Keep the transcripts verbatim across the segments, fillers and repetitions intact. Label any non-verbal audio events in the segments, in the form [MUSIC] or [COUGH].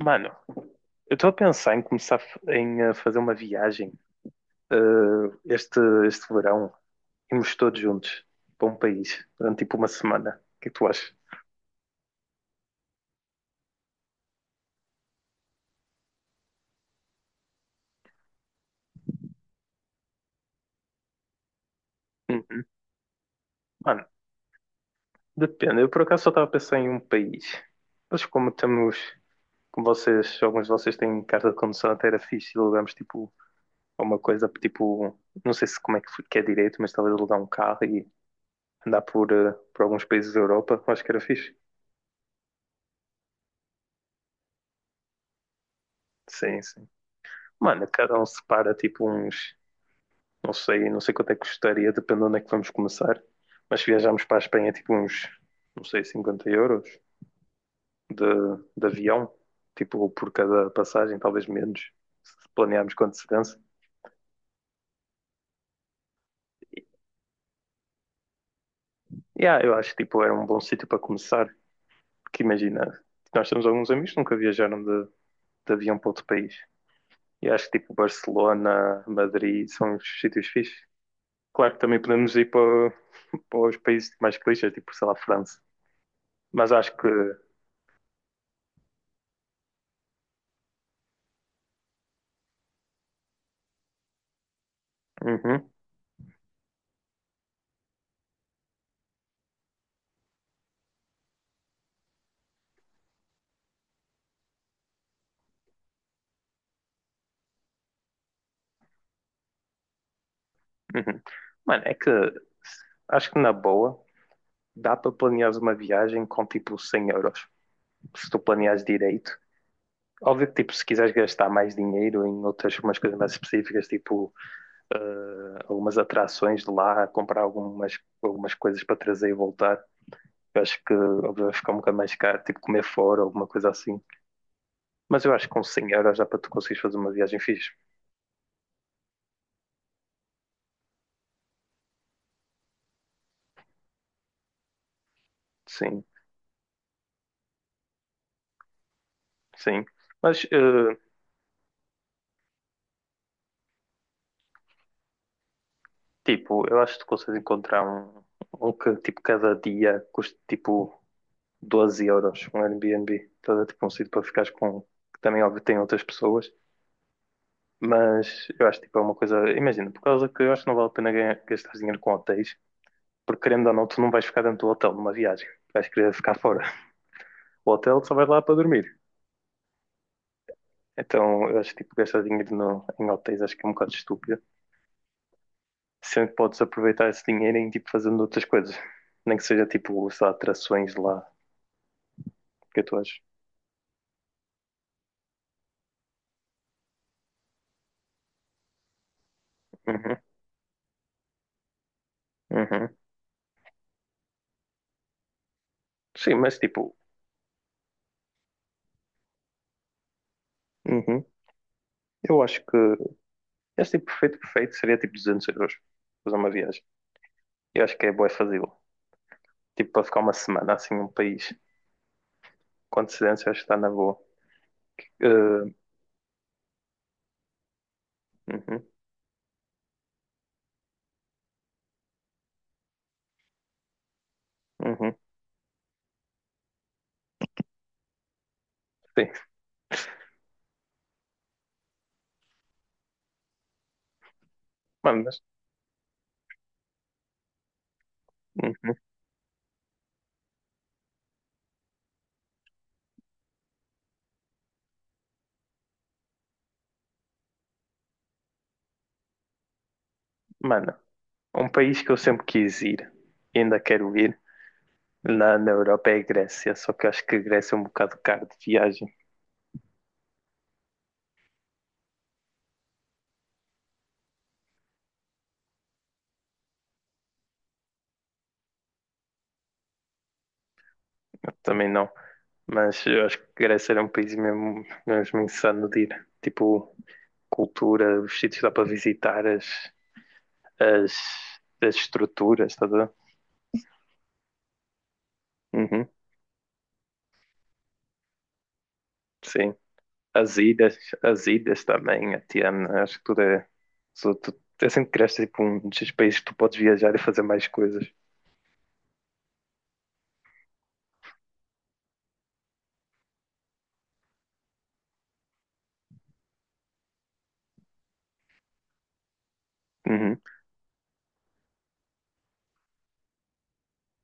Mano, eu estou a pensar em começar a f- em eh, fazer uma viagem eh, este, este verão. Irmos todos juntos para um país durante tipo uma semana. O que é que tu achas? Hum, Mano, depende. Eu por acaso só estava a pensar em um país. Mas como temos, como vocês, alguns de vocês têm carta de condução até era fixe, alugamos tipo alguma coisa, tipo, não sei se como é que foi- que é direito, mas talvez alugar um carro e andar por, eh, por alguns países da Europa. Acho que era fixe. Sim, sim. Mano, cada um separa tipo uns. Não sei, não sei quanto é que custaria, dependendo de onde é que vamos começar. Mas se viajarmos para a Espanha, tipo uns, não sei, cinquenta euros de, de avião, tipo por cada passagem, talvez menos, se planearmos com antecedência. Yeah, eu acho que tipo, era um bom sítio para começar, porque imagina, nós temos alguns amigos que nunca viajaram de, de avião para outro país. E acho que tipo Barcelona, Madrid são os sítios fixes. Claro que também podemos ir para, para os países mais clichês, tipo, sei lá, França. Mas acho que. Uhum, uhum. Mano, é que acho que na boa dá para planeares uma viagem com tipo cem euros, se tu planeares direito. Óbvio que tipo, se quiseres gastar mais dinheiro em outras umas coisas mais específicas, tipo eh, algumas atrações de lá, comprar algumas, algumas coisas para trazer e voltar, eu acho que óbvio, vai ficar um bocado mais caro, tipo comer fora, alguma coisa assim. Mas eu acho que com cem euros dá para tu conseguires fazer uma viagem fixe. Sim, sim. Mas eh, Tipo, eu acho que tu consegues encontrar um, um que tipo cada dia custa tipo doze euros, um Airbnb. Então é tipo um sítio para ficares com, que também óbvio tem outras pessoas, mas eu acho tipo, é uma coisa, imagina, por causa que eu acho que não vale a pena ganhar, gastar dinheiro com hotéis, porque querendo ou não, tu não vais ficar dentro do hotel numa viagem, vais querer ficar fora. O hotel só vais lá para dormir. Então eu acho que tipo gastar dinheiro no, em hotéis acho que é um bocado estúpido. Sempre podes aproveitar esse dinheiro em tipo fazendo outras coisas. Nem que seja tipo, sei lá, atrações lá. O que é que tu achas? Uhum, uhum. Sim, mas tipo. Uhum. Eu acho que esse tipo perfeito, perfeito seria tipo duzentos euros fazer uma viagem. Eu acho que é boa fazê-lo. Tipo, para ficar uma semana assim num país com antecedência, acho que está na boa. Uh, uhum, uhum. Sim, mano, mas, uhum. Mano, um país que eu sempre quis ir e ainda quero ir na, na Europa é a Grécia, só que eu acho que a Grécia é um bocado caro de viagem. Também não. Mas eu acho que a Grécia era um país mesmo, mesmo insano de ir. Tipo, cultura, os sítios que dá para visitar, as, as, as estruturas, estás a ver? Uhum, sim. As ilhas, as ilhas também, a Tiana, acho que tudo é. Só tu- é sempre que cresces tipo, um desses países que tu podes viajar e fazer mais coisas. Uhum.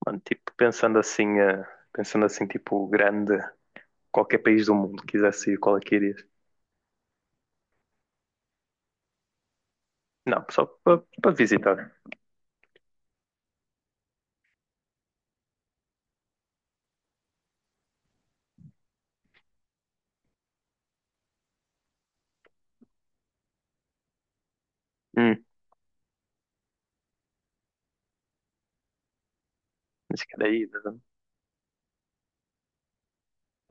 Mano, tipo, pensando assim, eh, pensando assim, tipo, grande, qualquer país do mundo quisesse ir, qual é que irias? Não, só para para visitar. Hum, acho que daí,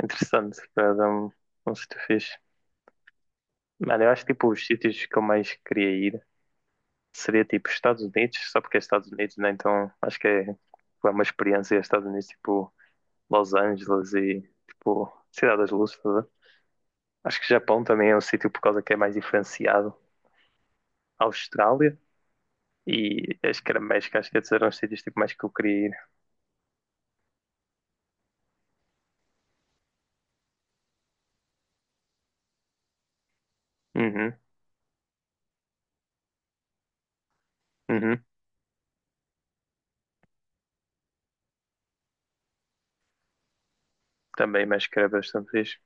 interessante, para dar um, um sítio fixe. Mano, eu acho que tipo os sítios que eu mais queria ir, seria tipo Estados Unidos, só porque é Estados Unidos, né? Então acho que é, tipo, é uma experiência Estados Unidos, tipo Los Angeles e tipo Cidade das Luzes, tá a ver? Acho que Japão também é um sítio por causa que é mais diferenciado. Austrália e acho que era México, acho que esses eram os sítios tipo, mais que eu queria ir. Uhum, uhum. Também México era bastante fixe.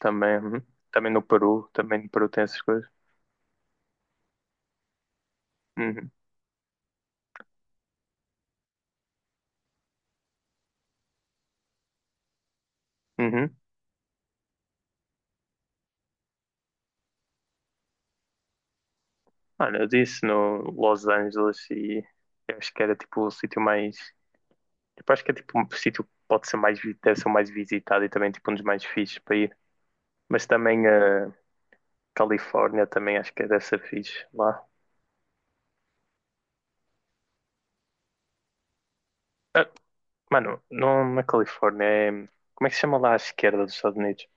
Também, uhum. Também no Peru, também no Peru tem essas coisas. Uhum, uhum. Olha, eu disse no Los Angeles e eu acho que era tipo o sítio mais. Tipo, acho que é tipo um sítio que pode ser mais, vi- deve ser o mais visitado e também tipo um dos mais fixes para ir. Mas também a Califórnia também acho que é deve ser fixe lá. Ah, mano, não na Califórnia é. Como é que se chama lá à esquerda dos Estados Unidos?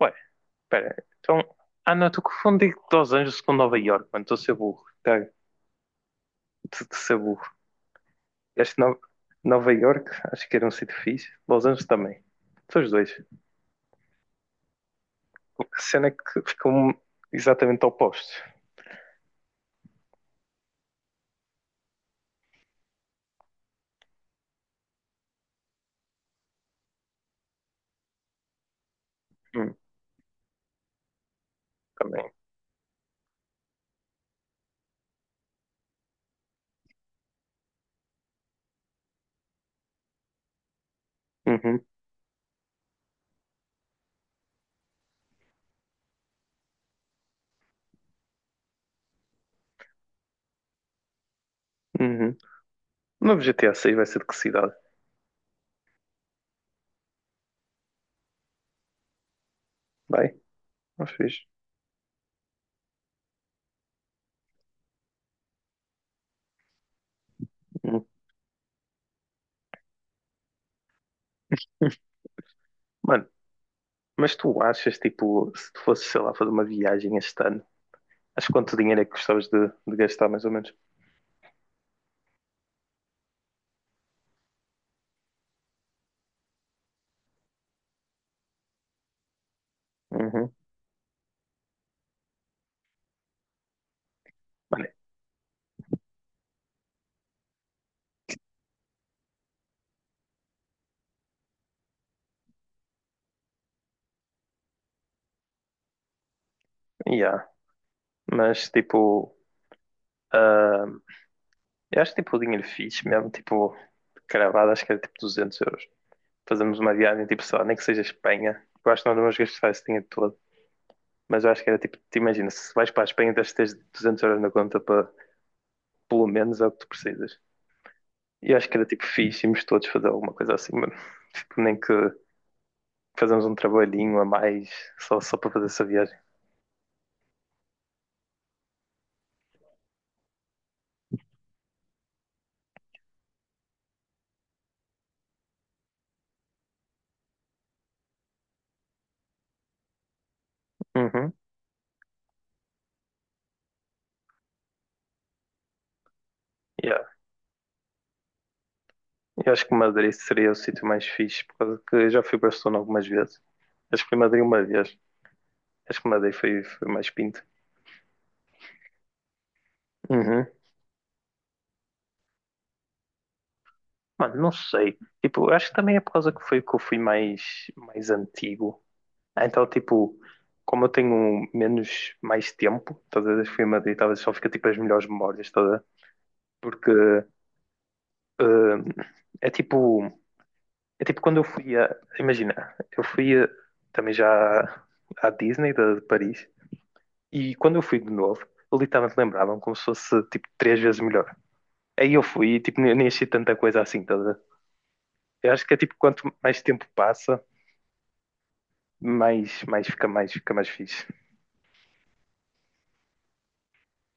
Ué, espera. Então. Ah, não, estou confundindo Los Angeles com Nova York, mano. Estou a ser burro. Tá, Estou a ser burro. Este Nova, Nova York acho que era um sítio fixe. Los Angeles também. São os dois. A cena é que ficam exatamente opostos. Hum, também. Uhum, uhum. O novo G T A seis vai ser de que cidade? Vai? Mas fixe. Hum. [LAUGHS] Mano, mas tu achas, tipo, se tu fosses, sei lá, fazer uma viagem este ano, acho que quanto dinheiro é que gostavas de, de gastar, mais ou menos? Uhum. Mano, yeah. Mas, tipo, ah, eu acho, tipo, o dinheiro fixe mesmo, tipo, cravado, acho que era, tipo, duzentos euros. Fazemos uma viagem, tipo, sei lá, nem que seja Espanha. Eu acho que nós não vamos gastar esse dinheiro todo. Mas eu acho que era, tipo, te imagina, se vais para a Espanha, tens de ter duzentos euros na conta para, pelo menos, é o que tu precisas. E acho que era tipo fixe, íamos todos fazer alguma coisa assim, mano. [LAUGHS] Tipo, nem que fazemos um trabalhinho a mais só, só para fazer essa viagem. Uhum. Yeah. Eu acho que Madrid seria o sítio mais fixe, por causa que eu já fui para Barcelona algumas vezes. Acho que fui a Madrid uma vez. Acho que Madrid foi, foi mais pinto. Uhum. Mano, não sei. Tipo, eu acho que também é por causa que foi que eu fui mais, mais antigo. Ah, Então, tipo, como eu tenho menos, mais tempo, todas as vezes que fui a Madrid, talvez só fica tipo as melhores memórias, toda. Porque eh, é tipo, é tipo quando eu fui a, imagina, eu fui a- também já à Disney da- de Paris e quando eu fui de novo, eu literalmente lembrava como se fosse tipo três vezes melhor. Aí eu fui e tipo, nem nem achei tanta coisa assim, tá a ver? Eu acho que é tipo, quanto mais tempo passa, mais, mais fica mais, fica mais fixe.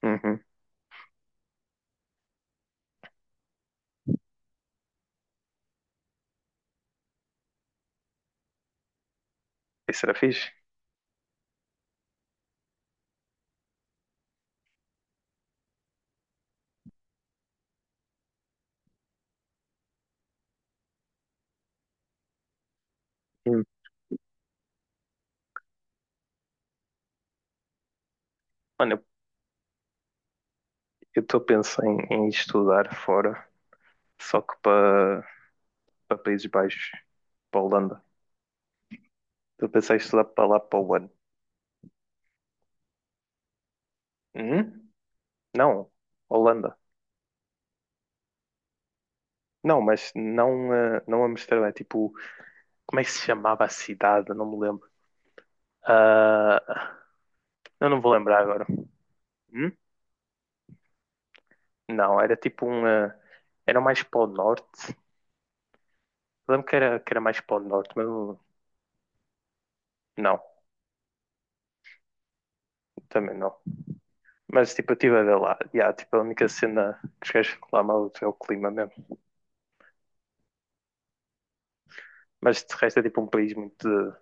Uhum. Isso era fixe? Hum. Mano, eu eu estou a pensar em, em estudar fora, só que para para Países Baixos, para a Holanda. Estou a pensar em estudar para lá para o ano. Hum? Não, Holanda. Não, mas não, eh, não Amsterdã, é tipo, como é que se chamava a cidade? Não me lembro. Ah, eu não vou lembrar agora. Hum? Não, era tipo um. Eh, era mais para o norte. Eu lembro que era, que era mais para o norte, mas eu-. Não, também não. Mas tipo, eu estive a ver lá. Yeah, tipo, a única cena que os gajos reclamam é o clima mesmo. Mas de resto é tipo um país muito de,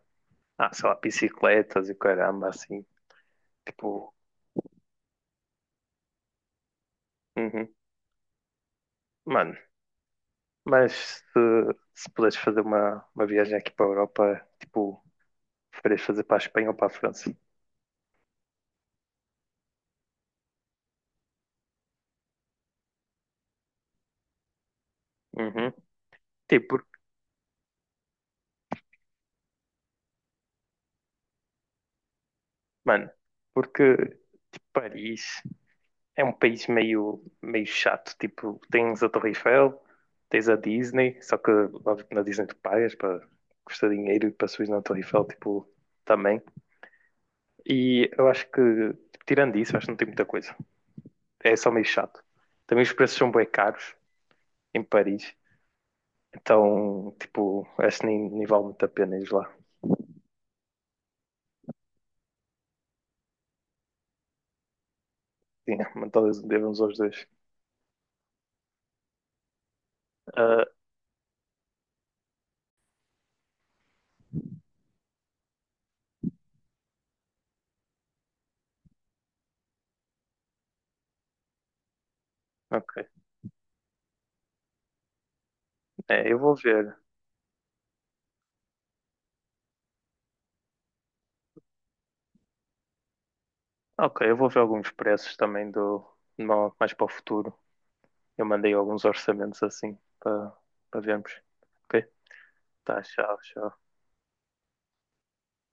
ah, sei lá, bicicletas e caramba, assim. Tipo, uhum. Mano, Mas se, se puderes fazer uma, uma viagem aqui para a Europa, tipo, preferias fazer para a Espanha ou para a França? Uhum. Tipo, porque, mano, porque Paris é um país meio, meio chato. Tipo, tens a Torre Eiffel, tens a Disney, só que óbvio que na Disney tu pagas para custa dinheiro e para subir na Torre Eiffel, tipo, também. E eu acho que, tipo, tirando isso, acho que não tem muita coisa. É só meio chato. Também os preços são bem caros em Paris. Então, tipo, acho que nem, nem vale muito a pena ir lá. Sim, [LAUGHS] mas talvez devemos aos dois. Ah, ok. É, eu vou ver. Ok, eu vou ver alguns preços também do ma- mais para o futuro. Eu mandei alguns orçamentos assim para para vermos. Ok? Tá, tchau, tchau.